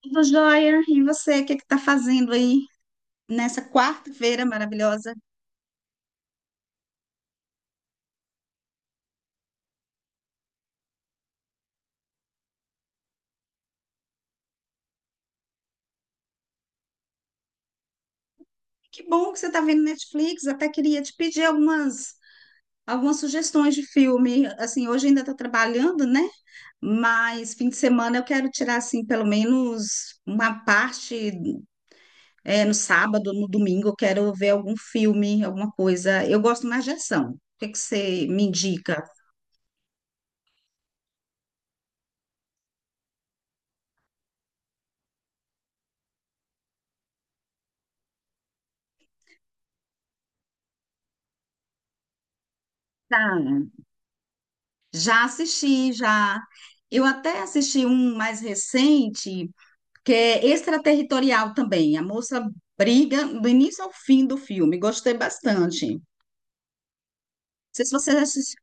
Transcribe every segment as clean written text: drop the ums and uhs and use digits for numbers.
Tudo jóia, e você, o que está fazendo aí nessa quarta-feira maravilhosa? Que bom que você está vendo Netflix, até queria te pedir algumas sugestões de filme. Assim, hoje ainda tô trabalhando, né? Mas fim de semana eu quero tirar assim pelo menos uma parte no sábado, no domingo, eu quero ver algum filme, alguma coisa. Eu gosto mais de ação. O que que você me indica? Tá. Já assisti, já. Eu até assisti um mais recente que é extraterritorial também. A moça briga do início ao fim do filme. Gostei bastante. Não sei se vocês assistiram.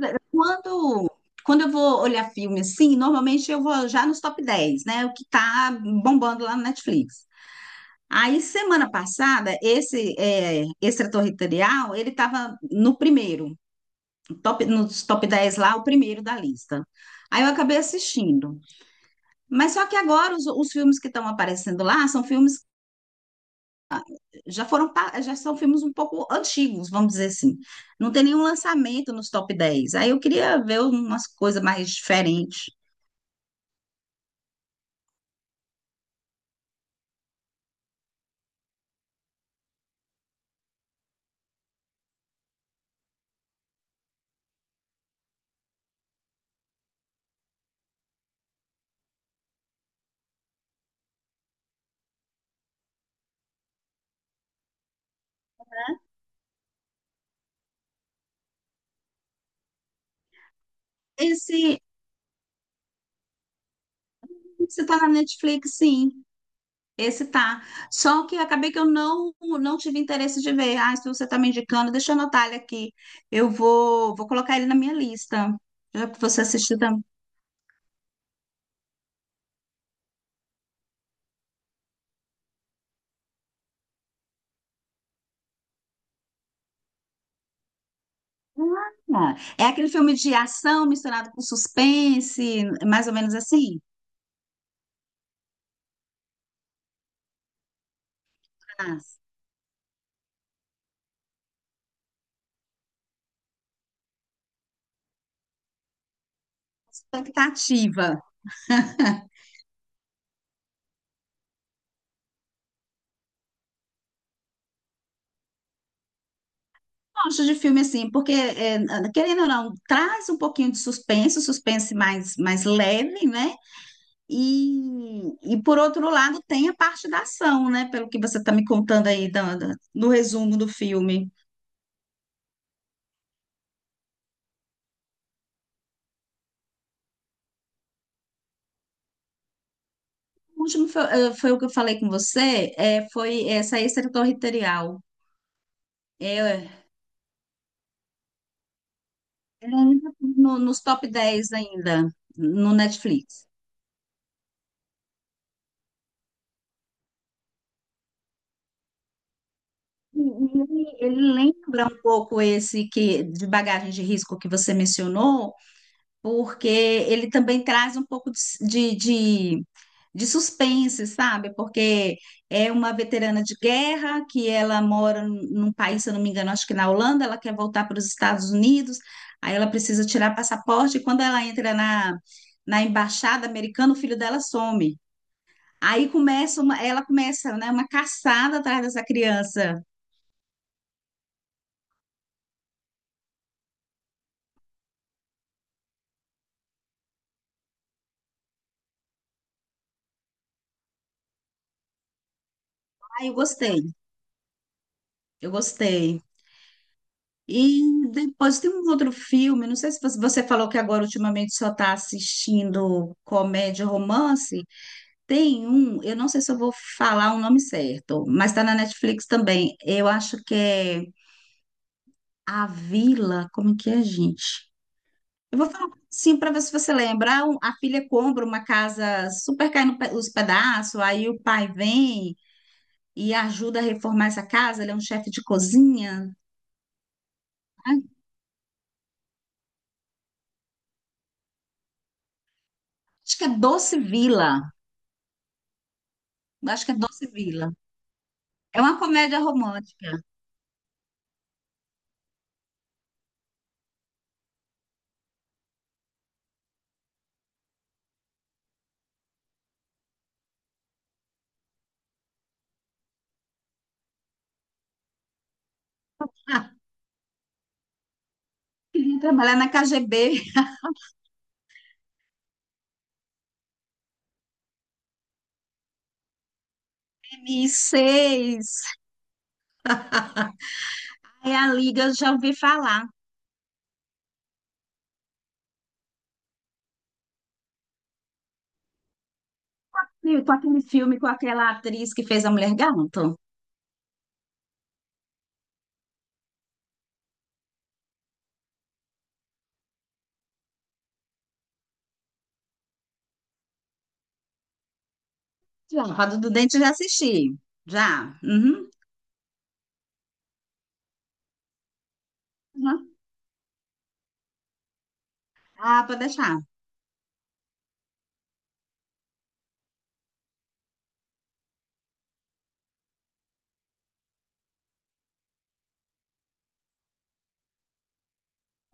mas, é, Quando, quando eu vou olhar filme assim, normalmente eu vou já nos top 10, né? O que tá bombando lá no Netflix. Aí, semana passada, esse, extraterritorial, ele estava no primeiro, top, nos top 10 lá, o primeiro da lista. Aí eu acabei assistindo. Mas só que agora os filmes que estão aparecendo lá são filmes já foram, já são filmes um pouco antigos, vamos dizer assim. Não tem nenhum lançamento nos top 10. Aí eu queria ver umas coisas mais diferentes. Esse, esse tá na Netflix, sim. Esse tá. Só que acabei que eu não tive interesse de ver. Ah, se você tá me indicando, deixa eu anotar ele aqui. Eu vou colocar ele na minha lista. Já que você assistiu também. Ah, é aquele filme de ação misturado com suspense, mais ou menos assim. Ah, expectativa. Gosto de filme assim, porque, querendo ou não, traz um pouquinho de suspense mais leve, né? E, e, por outro lado, tem a parte da ação, né? Pelo que você está me contando aí no resumo do filme. O último foi o que eu falei com você, foi essa extraterritorial. É, é, ele ainda tá no, nos top 10 ainda, no Netflix. E ele lembra um pouco esse que de bagagem de risco que você mencionou, porque ele também traz um pouco de, de, de suspense, sabe? Porque é uma veterana de guerra que ela mora num país, se eu não me engano, acho que na Holanda, ela quer voltar para os Estados Unidos, aí ela precisa tirar passaporte, e quando ela entra na embaixada americana, o filho dela some. Aí ela começa, né, uma caçada atrás dessa criança. Aí eu gostei, eu gostei. E depois tem um outro filme, não sei se você falou que agora ultimamente só está assistindo comédia, romance. Tem um, eu não sei se eu vou falar o nome certo, mas está na Netflix também. Eu acho que é A Vila, como é que é, gente? Eu vou falar sim para ver se você lembra. Ah, a filha compra uma casa super caindo os pedaços, aí o pai vem e ajuda a reformar essa casa. Ele é um chefe de cozinha. Ai, acho que é Doce Vila. Acho que é Doce Vila. É uma comédia romântica. Ah, queria trabalhar na KGB, MI6. Aí a Liga já ouvi falar. Meu, com aquele filme com aquela atriz que fez a Mulher Gato. Já. Roda do Dente já assisti. Já. Uhum. Uhum. Ah, pode deixar.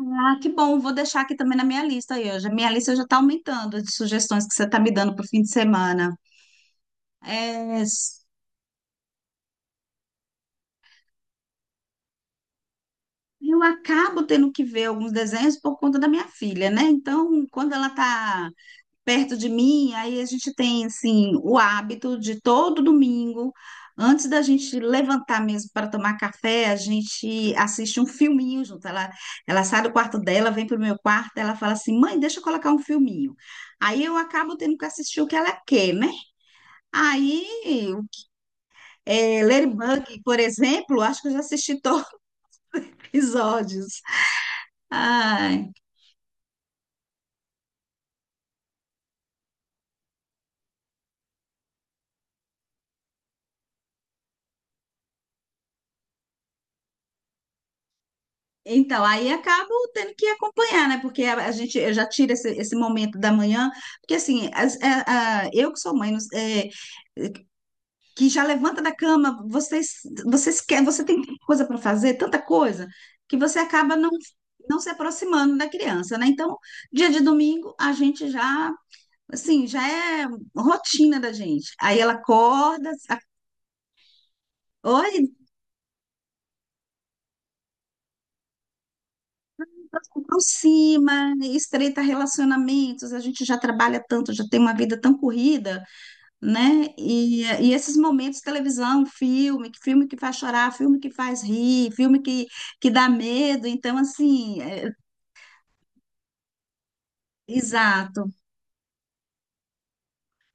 Ah, que bom. Vou deixar aqui também na minha lista aí hoje. A minha lista já está aumentando de sugestões que você está me dando para o fim de semana. É, eu acabo tendo que ver alguns desenhos por conta da minha filha, né? Então, quando ela está perto de mim, aí a gente tem assim o hábito de todo domingo, antes da gente levantar mesmo para tomar café, a gente assiste um filminho junto. Ela sai do quarto dela, vem para o meu quarto, ela fala assim: "Mãe, deixa eu colocar um filminho". Aí eu acabo tendo que assistir o que ela quer, né? Aí, Ladybug, por exemplo, acho que eu já assisti todos os episódios. Ai. Então, aí acabo tendo que acompanhar, né? Porque a gente eu já tira esse momento da manhã, porque assim, eu que sou mãe, que já levanta da cama, vocês quer, você tem tanta coisa para fazer, tanta coisa, que você acaba não se aproximando da criança, né? Então, dia de domingo, a gente já, assim, já é rotina da gente. Aí ela acorda, oi, aproxima, estreita relacionamentos, a gente já trabalha tanto, já tem uma vida tão corrida, né? E esses momentos, televisão, filme que faz chorar, filme que faz rir, filme que dá medo. Então, assim, exato,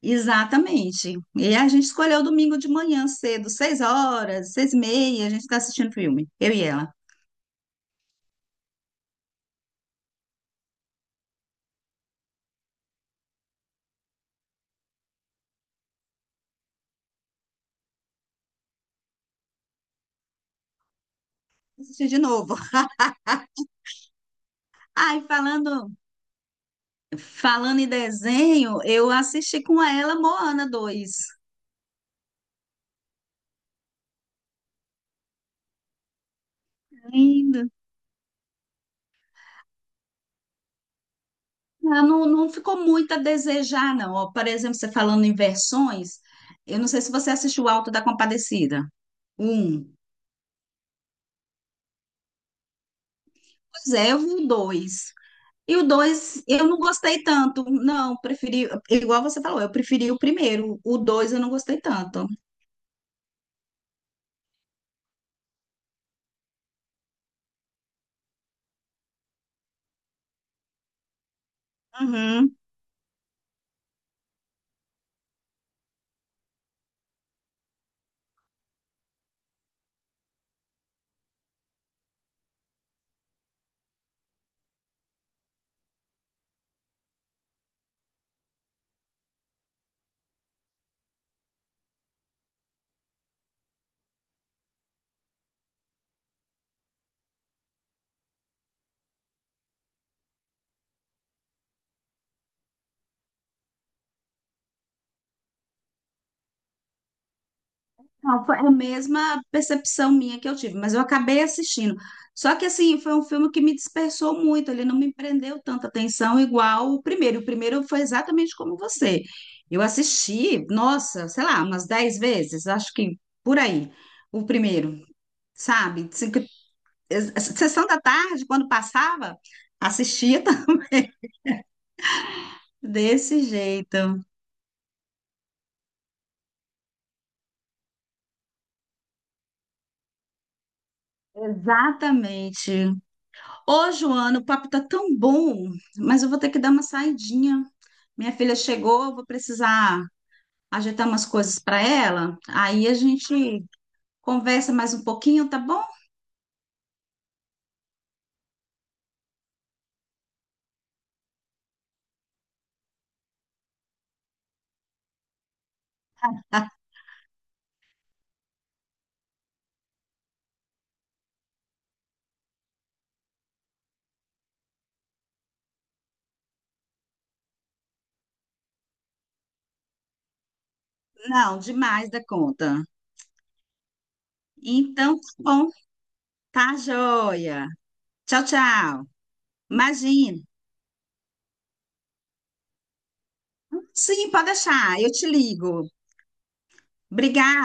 exatamente. E a gente escolheu domingo de manhã cedo, 6 horas, 6h30, a gente está assistindo filme, eu e ela. Assistir de novo. Ai, falando em desenho, eu assisti com ela Moana 2. Lindo. Ah, não, não ficou muito a desejar, não. Ó, por exemplo, você falando em versões, eu não sei se você assistiu o Alto da Compadecida. Um. Pois é, eu vi o dois. E o dois, eu não gostei tanto. Não, preferi, igual você falou, eu preferi o primeiro. O dois eu não gostei tanto. Uhum. Não, foi a mesma percepção minha que eu tive, mas eu acabei assistindo. Só que assim, foi um filme que me dispersou muito, ele não me prendeu tanta atenção igual o primeiro. O primeiro foi exatamente como você. Eu assisti, nossa, sei lá, umas 10 vezes, acho que por aí, o primeiro, sabe? Sessão da tarde, quando passava, assistia desse jeito. Exatamente. Ô, Joana, o papo tá tão bom, mas eu vou ter que dar uma saidinha. Minha filha chegou, eu vou precisar ajeitar umas coisas para ela. Aí a gente conversa mais um pouquinho, tá bom? Não, demais da conta. Então, tá bom, tá joia. Tchau, tchau. Imagina. Sim, pode deixar, eu te ligo. Obrigada.